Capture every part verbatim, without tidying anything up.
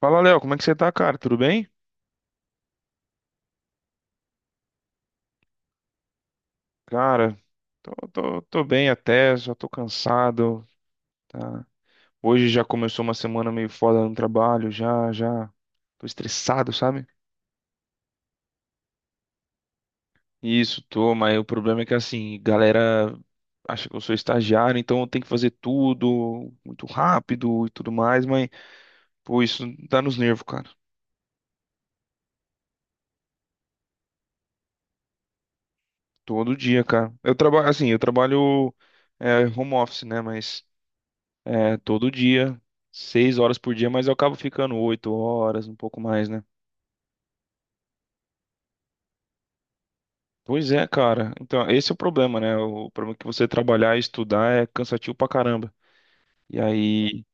Fala, Léo, como é que você tá, cara? Tudo bem? Cara, tô, tô, tô bem até, só tô cansado, tá? Hoje já começou uma semana meio foda no trabalho, já, já tô estressado, sabe? Isso, tô, mas o problema é que assim, galera acha que eu sou estagiário, então eu tenho que fazer tudo muito rápido e tudo mais, mas, pô, isso dá nos nervos, cara. Todo dia, cara. Eu trabalho, assim, eu trabalho é, home office, né? Mas É, todo dia, seis horas por dia, mas eu acabo ficando oito horas, um pouco mais, né? Pois é, cara. Então, esse é o problema, né? O problema é que você trabalhar e estudar é cansativo pra caramba. E aí,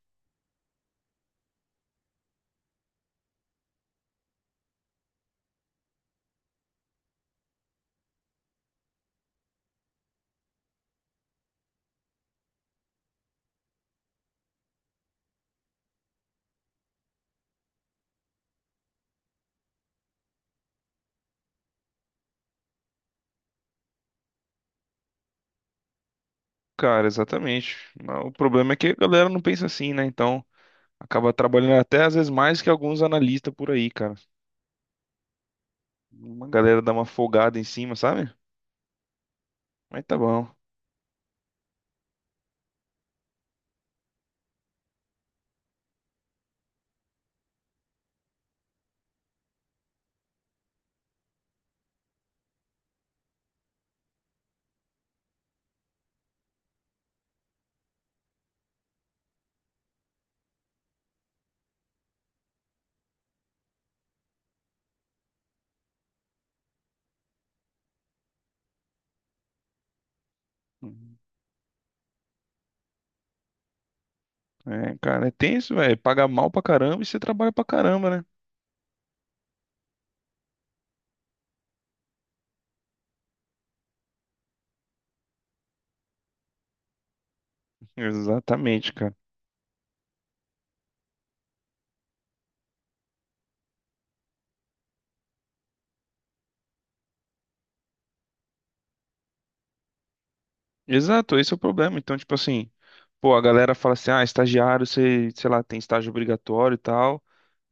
cara, exatamente. Mas o problema é que a galera não pensa assim, né? Então, acaba trabalhando até às vezes mais que alguns analistas por aí, cara. Uma galera dá uma folgada em cima, sabe? Mas tá bom. Uhum. É, cara, é tenso, velho. Paga mal pra caramba e você trabalha pra caramba, né? Exatamente, cara. Exato, esse é o problema. Então, tipo assim, pô, a galera fala assim, ah, estagiário, você, sei lá, tem estágio obrigatório e tal,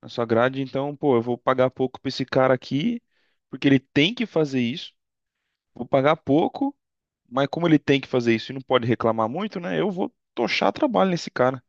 na sua grade, então, pô, eu vou pagar pouco pra esse cara aqui, porque ele tem que fazer isso. Vou pagar pouco, mas como ele tem que fazer isso e não pode reclamar muito, né? Eu vou tochar trabalho nesse cara.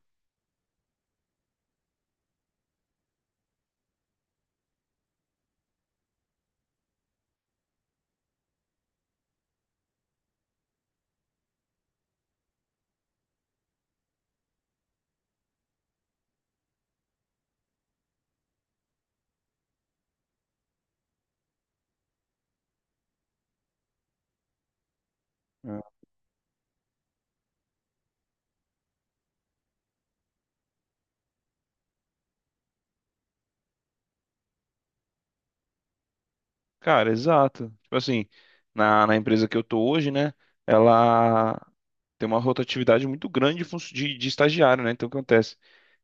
É. Cara, exato. Tipo assim, na, na empresa que eu tô hoje, né? Ela tem uma rotatividade muito grande de, funcio- de de estagiário, né? Então, o que acontece?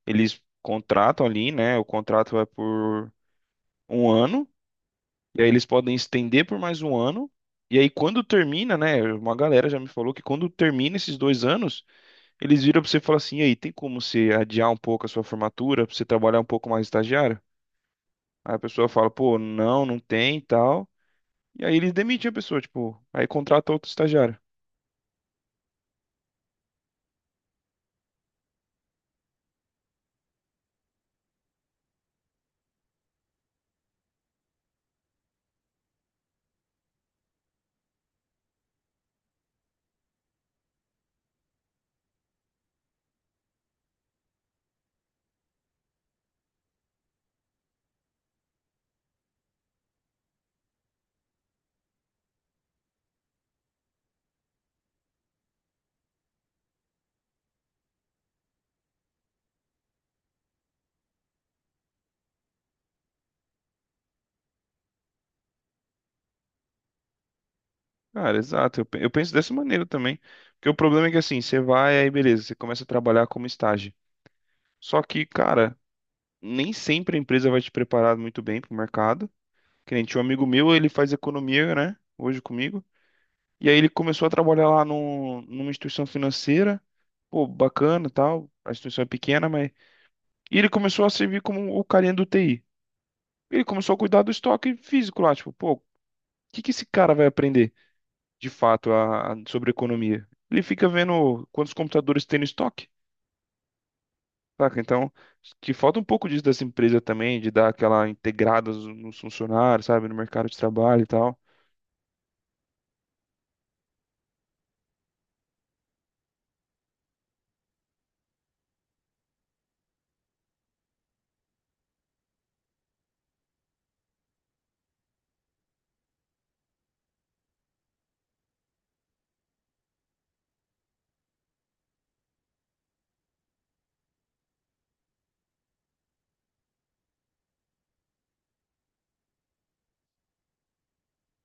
Eles contratam ali, né? O contrato é por um ano, e aí eles podem estender por mais um ano. E aí, quando termina, né? Uma galera já me falou que quando termina esses dois anos, eles viram pra você e falam assim: e aí, tem como você adiar um pouco a sua formatura, pra você trabalhar um pouco mais estagiário? Aí a pessoa fala: pô, não, não tem e tal. E aí eles demitem a pessoa, tipo, aí contrata outro estagiário. Cara, exato, eu, pe- eu penso dessa maneira também. Porque o problema é que assim, você vai, aí beleza, você começa a trabalhar como estágio. Só que, cara, nem sempre a empresa vai te preparar muito bem pro mercado. Que nem tinha um amigo meu, ele faz economia, né? Hoje comigo. E aí ele começou a trabalhar lá num, numa instituição financeira. Pô, bacana e tal. A instituição é pequena, mas. E ele começou a servir como o carinha do T I. Ele começou a cuidar do estoque físico lá. Tipo, pô, o que que esse cara vai aprender de fato a, a- sobre economia? Ele fica vendo quantos computadores tem no estoque. Saca? Então, que falta um pouco disso dessa empresa também, de dar aquela integrada nos nos funcionários, sabe, no mercado de trabalho e tal.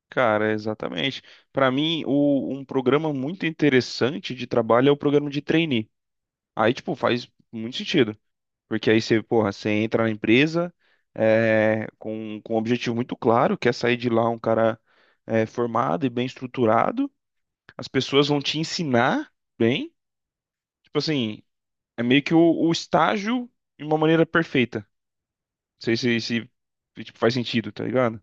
Cara, exatamente. Para mim, o- um programa muito interessante de trabalho é o programa de trainee. Aí, tipo, faz muito sentido. Porque aí você, porra, você entra na empresa é, com, com um objetivo muito claro, que é sair de lá um cara é, formado e bem estruturado. As pessoas vão te ensinar bem. Tipo assim, é meio que o, o estágio de uma maneira perfeita. Não sei se, se, tipo, faz sentido, tá ligado?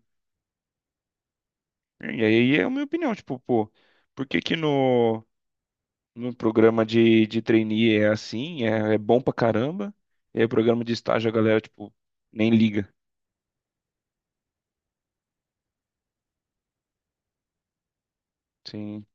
E aí é a minha opinião, tipo, pô, por que que no. No programa de, de trainee é assim, é, é bom pra caramba. E aí, programa de estágio, a galera, tipo, nem liga. Sim,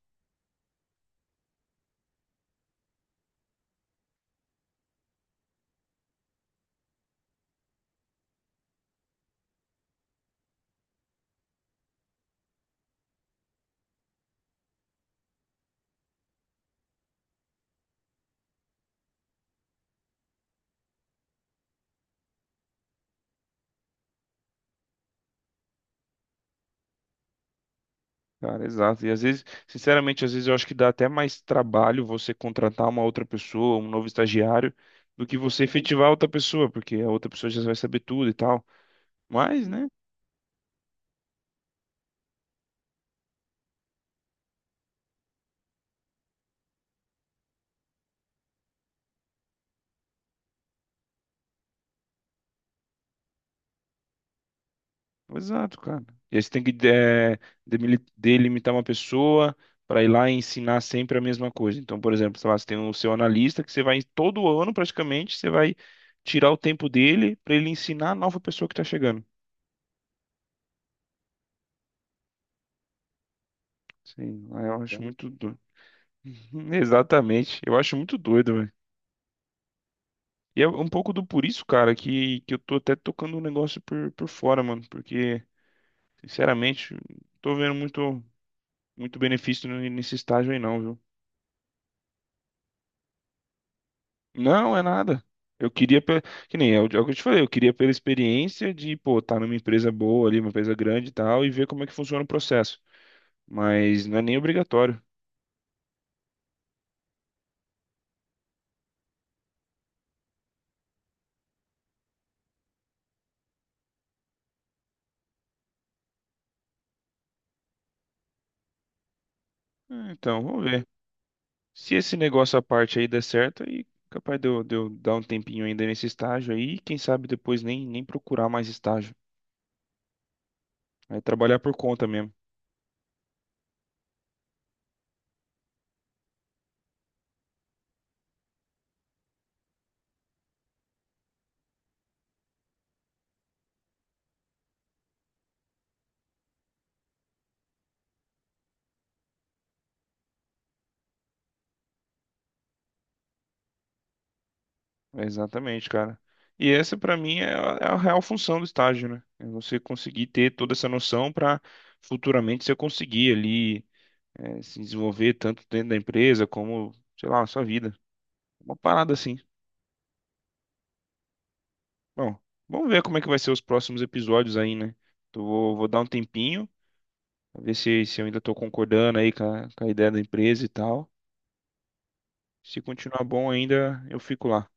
cara, exato. E às vezes, sinceramente, às vezes eu acho que dá até mais trabalho você contratar uma outra pessoa, um novo estagiário, do que você efetivar outra pessoa, porque a outra pessoa já vai saber tudo e tal. Mas, né? Exato, cara. E aí você tem que eh, demili- delimitar uma pessoa para ir lá e ensinar sempre a mesma coisa. Então, por exemplo, sei lá, você tem o seu analista que você vai todo ano praticamente, você vai tirar o tempo dele para ele ensinar a nova pessoa que está chegando. Sim, aí eu acho muito doido. Exatamente. Eu acho muito doido, velho. E é um pouco do por isso, cara, que, que eu tô até tocando o negócio por, por fora, mano. Porque, sinceramente, não tô vendo muito, muito benefício n- nesse estágio aí, não, viu? Não, é nada. Eu queria, pe- que nem é o é o que eu te falei, eu queria pela experiência de, pô, estar numa empresa boa ali, uma empresa grande e tal, e ver como é que funciona o processo. Mas não é nem obrigatório. É. Então, vamos ver. Se esse negócio à parte aí der certo, aí capaz de eu, de eu dar um tempinho ainda nesse estágio aí, e quem sabe depois nem, nem procurar mais estágio. Aí trabalhar por conta mesmo. É exatamente, cara. E essa pra mim é a, é a real função do estágio, né? É você conseguir ter toda essa noção pra futuramente você conseguir ali é, se desenvolver tanto dentro da empresa como, sei lá, na sua vida. Uma parada assim. Bom, vamos ver como é que vai ser os próximos episódios aí, né? Então, vou, vou dar um tempinho, pra ver se, se eu ainda tô concordando aí com a, com a ideia da empresa e tal. Se continuar bom ainda, eu fico lá.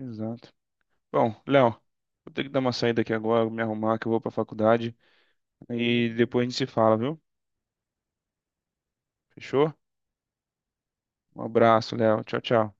Exato. Bom, Léo, vou ter que dar uma saída aqui agora, me arrumar que eu vou pra faculdade. E depois a gente se fala, viu? Fechou? Um abraço, Léo. Tchau, tchau.